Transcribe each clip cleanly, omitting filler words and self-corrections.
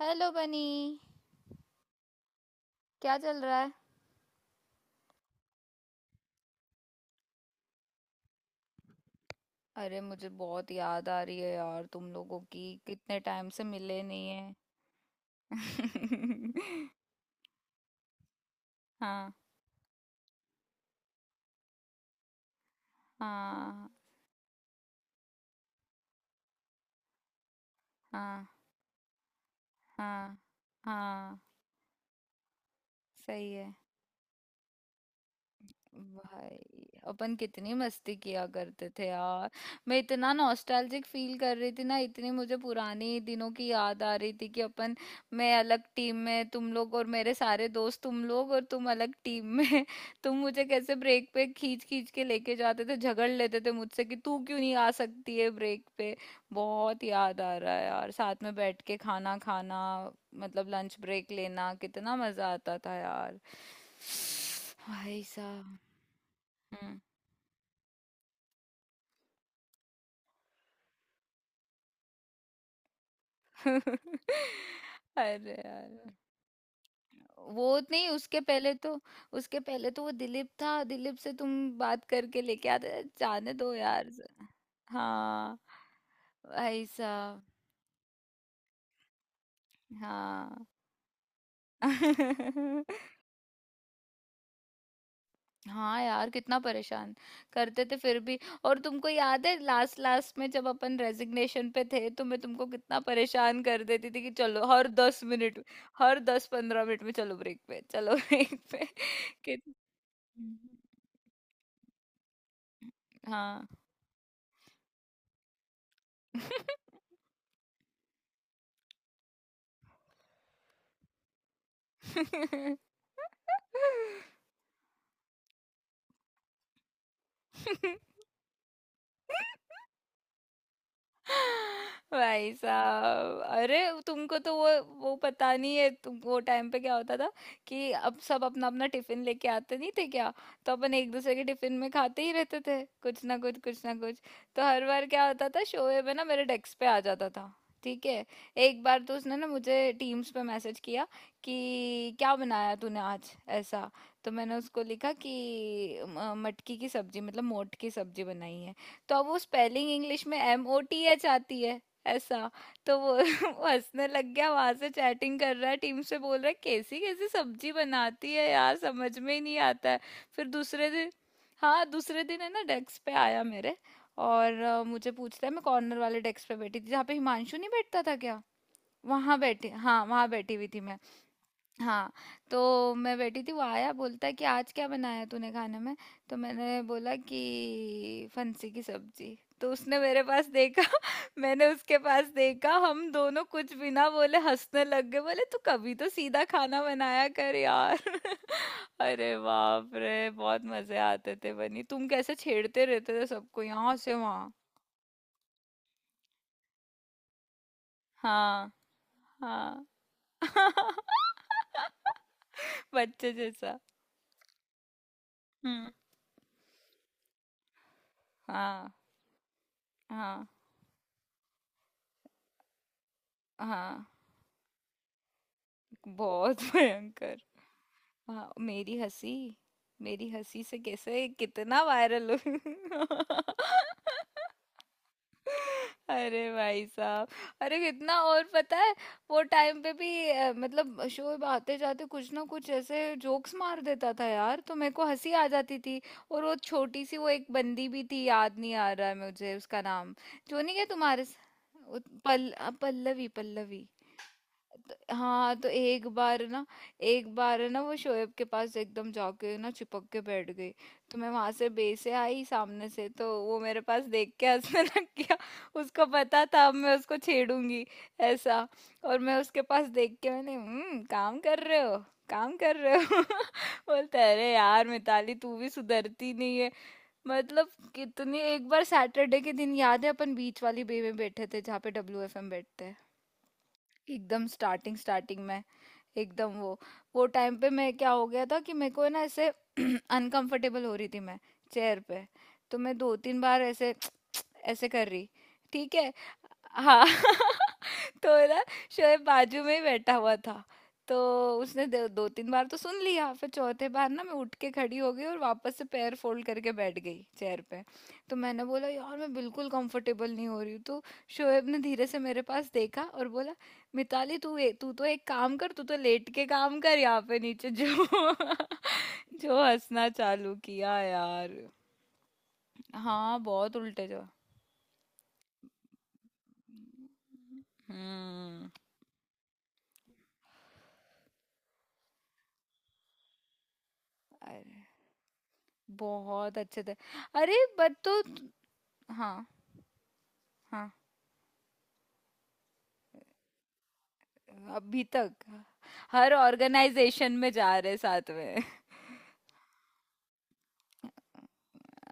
Hello Bunny. क्या चल रहा है? अरे मुझे बहुत याद आ रही है यार तुम लोगों की, कितने टाइम से मिले नहीं है। हाँ। हाँ। हाँ। हाँ। हाँ। सही है भाई, अपन कितनी मस्ती किया करते थे यार। मैं इतना नॉस्टैल्जिक फील कर रही थी ना, इतनी मुझे पुरानी दिनों की याद आ रही थी कि अपन। मैं अलग टीम में, तुम लोग और मेरे सारे दोस्त, तुम लोग और तुम अलग टीम में। तुम मुझे कैसे ब्रेक पे खींच खींच के लेके जाते थे, झगड़ लेते थे मुझसे कि तू क्यों नहीं आ सकती है ब्रेक पे। बहुत याद आ रहा है यार साथ में बैठ के खाना खाना। मतलब लंच ब्रेक लेना कितना मजा आता था यार। भाई साहब। हुँ। अरे यार! वो नहीं उसके पहले तो उसके पहले तो वो दिलीप था, दिलीप से तुम बात करके लेके आते, जाने दो यार। हाँ। भाई साहब। हाँ। हाँ यार, कितना परेशान करते थे फिर भी। और तुमको याद है लास्ट लास्ट में जब अपन रेज़िग्नेशन पे थे, तो मैं तुमको कितना परेशान कर देती थी कि चलो हर 10 मिनट, हर 10-15 मिनट में चलो ब्रेक पे, चलो ब्रेक पे। कित हुँ। हाँ। भाई साहब। अरे तुमको तो वो पता नहीं है तुम, वो टाइम पे क्या होता था कि अब सब अपना अपना टिफिन लेके आते नहीं थे क्या। तो अपन एक दूसरे के टिफिन में खाते ही रहते थे, कुछ ना कुछ, कुछ ना कुछ। तो हर बार क्या होता था, शोएब है ना, मेरे डेस्क पे आ जाता था। ठीक है। एक बार तो उसने ना मुझे टीम्स पे मैसेज किया कि क्या बनाया तूने आज। ऐसा। तो मैंने उसको लिखा कि मटकी की सब्जी, मतलब मोट की सब्जी बनाई है। तो अब वो स्पेलिंग इंग्लिश में एम ओ टी एच आती है। ऐसा। तो वो वो हंसने लग गया, वहां से चैटिंग कर रहा है टीम से, बोल रहा है कैसी कैसी सब्जी बनाती है यार, समझ में ही नहीं आता है। फिर दूसरे दिन, हाँ दूसरे दिन है ना, डेस्क पे आया मेरे। और मुझे पूछता है। मैं कॉर्नर वाले डेस्क पे बैठी थी जहाँ पे हिमांशु नहीं बैठता था क्या, वहां बैठी, हाँ वहां बैठी हुई थी मैं। हाँ। तो मैं बैठी थी, वो आया, बोलता है कि आज क्या बनाया तूने खाने में। तो मैंने बोला कि फंसी की सब्जी। तो उसने मेरे पास देखा, मैंने उसके पास देखा, हम दोनों कुछ भी ना बोले, हंसने लग गए, बोले तू कभी तो सीधा खाना बनाया कर यार। अरे बाप रे, बहुत मजे आते थे। बनी, तुम कैसे छेड़ते रहते थे सबको यहाँ से वहाँ। हाँ। हाँ। बच्चे जैसा। हम्म। हाँ। हाँ। हाँ। बहुत भयंकर। हाँ मेरी हंसी, मेरी हंसी से कैसे कितना वायरल हो। अरे भाई साहब। अरे कितना, और पता है, वो टाइम पे भी मतलब शोएब आते जाते कुछ ना कुछ ऐसे जोक्स मार देता था यार, तो मेरे को हंसी आ जाती थी। और वो छोटी सी, वो एक बंदी भी थी, याद नहीं आ रहा है मुझे उसका नाम। जो नहीं क्या तुम्हारे वो पल्लवी। पल्लवी हाँ। तो एक बार ना, एक बार ना वो शोएब के पास एकदम जाके ना चिपक के बैठ गई। तो मैं वहां से बेसे आई सामने से, तो वो मेरे पास देख के हंसने लग गया। उसको पता था अब मैं उसको छेड़ूंगी। ऐसा। और मैं उसके पास देख के, मैंने हम्म, काम कर रहे हो, काम कर रहे हो। बोलता है, अरे यार मिताली तू भी सुधरती नहीं है। मतलब कितनी। एक बार सैटरडे के दिन याद है, अपन बीच वाली बे में बैठे थे जहाँ पे डब्ल्यू एफ एम बैठते हैं। एकदम स्टार्टिंग स्टार्टिंग में, एकदम वो टाइम पे मैं क्या हो गया था कि मेरे को है ना ऐसे अनकंफर्टेबल हो रही थी मैं चेयर पे। तो मैं दो तीन बार ऐसे ऐसे कर रही। ठीक है। हाँ। तो ना, शोएब बाजू में ही बैठा हुआ था। तो उसने दो तीन बार तो सुन लिया, फिर चौथे बार ना मैं उठ के खड़ी हो गई और वापस से पैर फोल्ड करके बैठ गई चेयर पे। तो मैंने बोला यार मैं बिल्कुल कंफर्टेबल नहीं हो रही हूँ। तो शोएब ने धीरे से मेरे पास देखा और बोला, मिताली तू तू तो एक काम कर, तू तो लेट के काम कर यहाँ पे नीचे जो। जो हंसना चालू किया यार। हाँ बहुत उल्टे जो। हम्म। अरे बहुत अच्छे थे। अरे बट तो, हाँ। हाँ। अभी तक हर ऑर्गेनाइजेशन में जा रहे साथ में।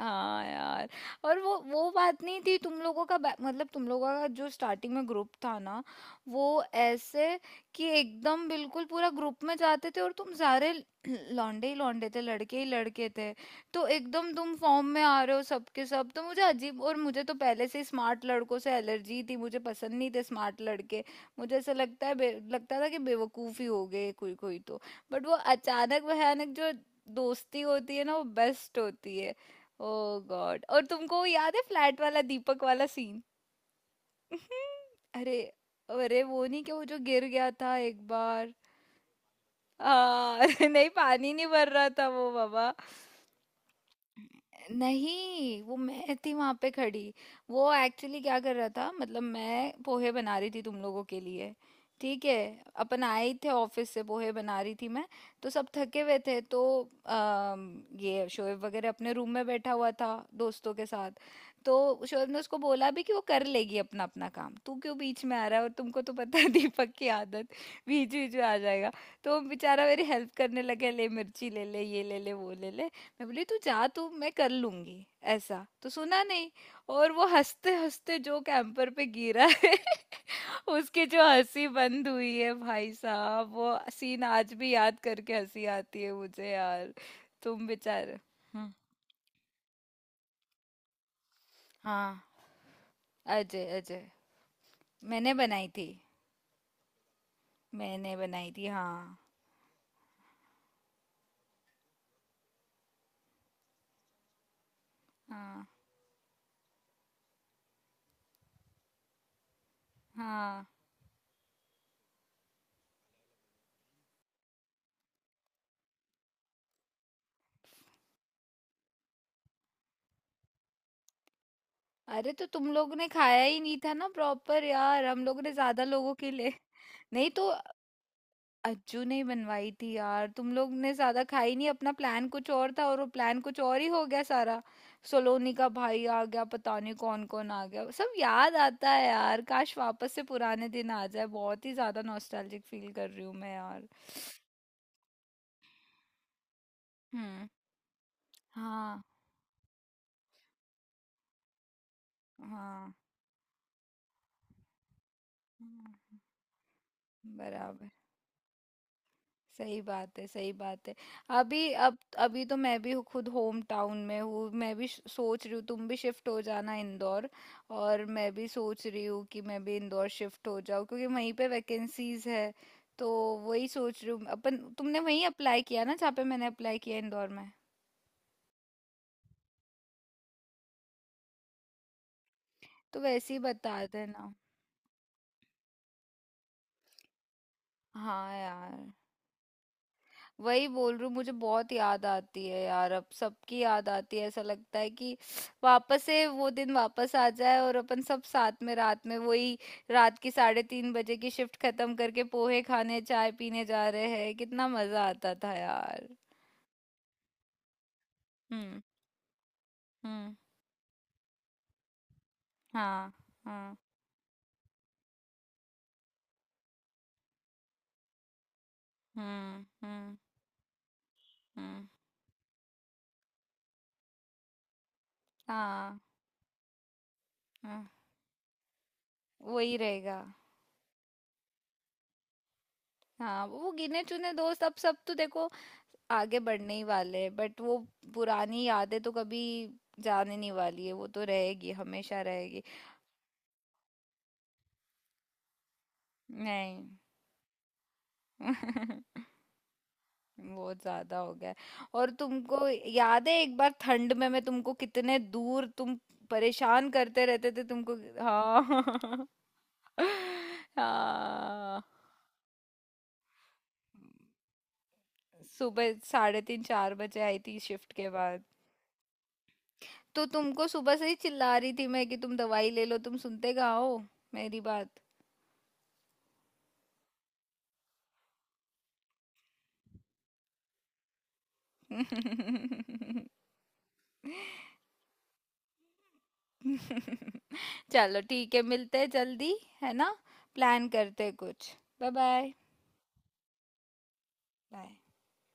हाँ यार। और वो बात नहीं थी, तुम लोगों का मतलब तुम लोगों का जो स्टार्टिंग में ग्रुप था ना, वो ऐसे, कि एकदम बिल्कुल पूरा ग्रुप में जाते थे और तुम सारे लौंडे ही लौंडे थे, लड़के ही लड़के थे। तो एकदम तुम फॉर्म में आ रहे हो सबके सब, तो मुझे अजीब, और मुझे तो पहले से स्मार्ट लड़कों से एलर्जी थी, मुझे पसंद नहीं थे स्मार्ट लड़के। मुझे ऐसा लगता है लगता था कि बेवकूफ़ ही हो गए कोई कोई तो। बट वो अचानक भयानक जो दोस्ती होती है ना, वो बेस्ट होती है। ओ गॉड, और तुमको याद है फ्लैट वाला दीपक वाला सीन? अरे, अरे वो नहीं क्या वो जो गिर गया था एक बार। हाँ। अरे नहीं पानी नहीं भर रहा था वो बाबा। नहीं वो मैं थी वहां पे खड़ी। वो एक्चुअली क्या कर रहा था, मतलब मैं पोहे बना रही थी तुम लोगों के लिए। ठीक है। अपन आए थे ऑफिस से, पोहे बना रही थी मैं। तो सब थके हुए थे तो ये शोएब वगैरह अपने रूम में बैठा हुआ था दोस्तों के साथ। तो शोएब ने उसको बोला भी कि वो कर लेगी अपना अपना काम, तू क्यों बीच में आ रहा है। और तुमको तो पता है दीपक की आदत, बीच बीच में आ जाएगा। तो वो बेचारा मेरी हेल्प करने लगा, ले मिर्ची ले, ले ये ले, ले वो ले। ले मैं बोली तू जा, तू मैं कर लूंगी। ऐसा तो सुना नहीं। और वो हंसते हंसते जो कैंपर पे गिरा है, उसकी जो हंसी बंद हुई है भाई साहब, वो सीन आज भी याद करके हंसी आती है मुझे यार। तुम बेचारे। हम्म। हाँ अजय, अजय। मैंने बनाई थी। मैंने बनाई थी हाँ। हाँ। हाँ। अरे तो तुम लोग ने खाया ही नहीं था ना प्रॉपर यार, हम लोग ने ज्यादा लोगों के लिए। नहीं तो, अज्जू ने ही बनवाई थी यार, तुम लोग ने ज्यादा खाई नहीं। अपना प्लान कुछ और था और वो प्लान कुछ और ही हो गया सारा। सोलोनी का भाई आ गया, पता नहीं कौन कौन आ गया, सब याद आता है यार। काश वापस से पुराने दिन आ जाए, बहुत ही ज्यादा नॉस्टैल्जिक फील कर रही हूँ मैं यार। हम्म। हाँ। हाँ। हाँ, बराबर। सही बात है, सही बात है। अभी अब अभी तो मैं भी खुद होम टाउन में हूँ, मैं भी सोच रही हूँ तुम भी शिफ्ट हो जाना इंदौर। और मैं भी सोच रही हूँ कि मैं भी इंदौर शिफ्ट हो जाऊँ, क्योंकि वहीं पे वैकेंसीज है। तो वही सोच रही हूँ अपन। तुमने वहीं अप्लाई किया ना जहाँ पे मैंने अप्लाई किया इंदौर में, तो वैसे ही बता देना। हाँ यार। वही बोल रही हूँ, मुझे बहुत याद आती है यार, अब सबकी याद आती है, ऐसा लगता है कि वापस से वो दिन वापस आ जाए और अपन सब साथ में रात में वही, रात की 3:30 बजे की शिफ्ट खत्म करके पोहे खाने चाय पीने जा रहे हैं, कितना मजा आता था यार। हम्म। हम्म। हाँ। हाँ। हम्म। हम्म। हम्म। हाँ। हाँ वही रहेगा। हाँ वो गिने चुने दोस्त। अब सब तो देखो आगे बढ़ने ही वाले हैं, बट वो पुरानी यादें तो कभी जाने नहीं वाली है, वो तो रहेगी, हमेशा रहेगी। नहीं। बहुत ज्यादा हो गया है। और तुमको याद है एक बार ठंड में मैं तुमको कितने दूर, तुम परेशान करते रहते थे तुमको। हाँ। हाँ। सुबह 3:30, 4 बजे आई थी शिफ्ट के बाद। तो तुमको सुबह से ही चिल्ला रही थी मैं कि तुम दवाई ले लो, तुम सुनते कहाँ हो मेरी बात? चलो ठीक है, मिलते हैं जल्दी, है ना? प्लान करते हैं कुछ। बाय। बाय। बाय।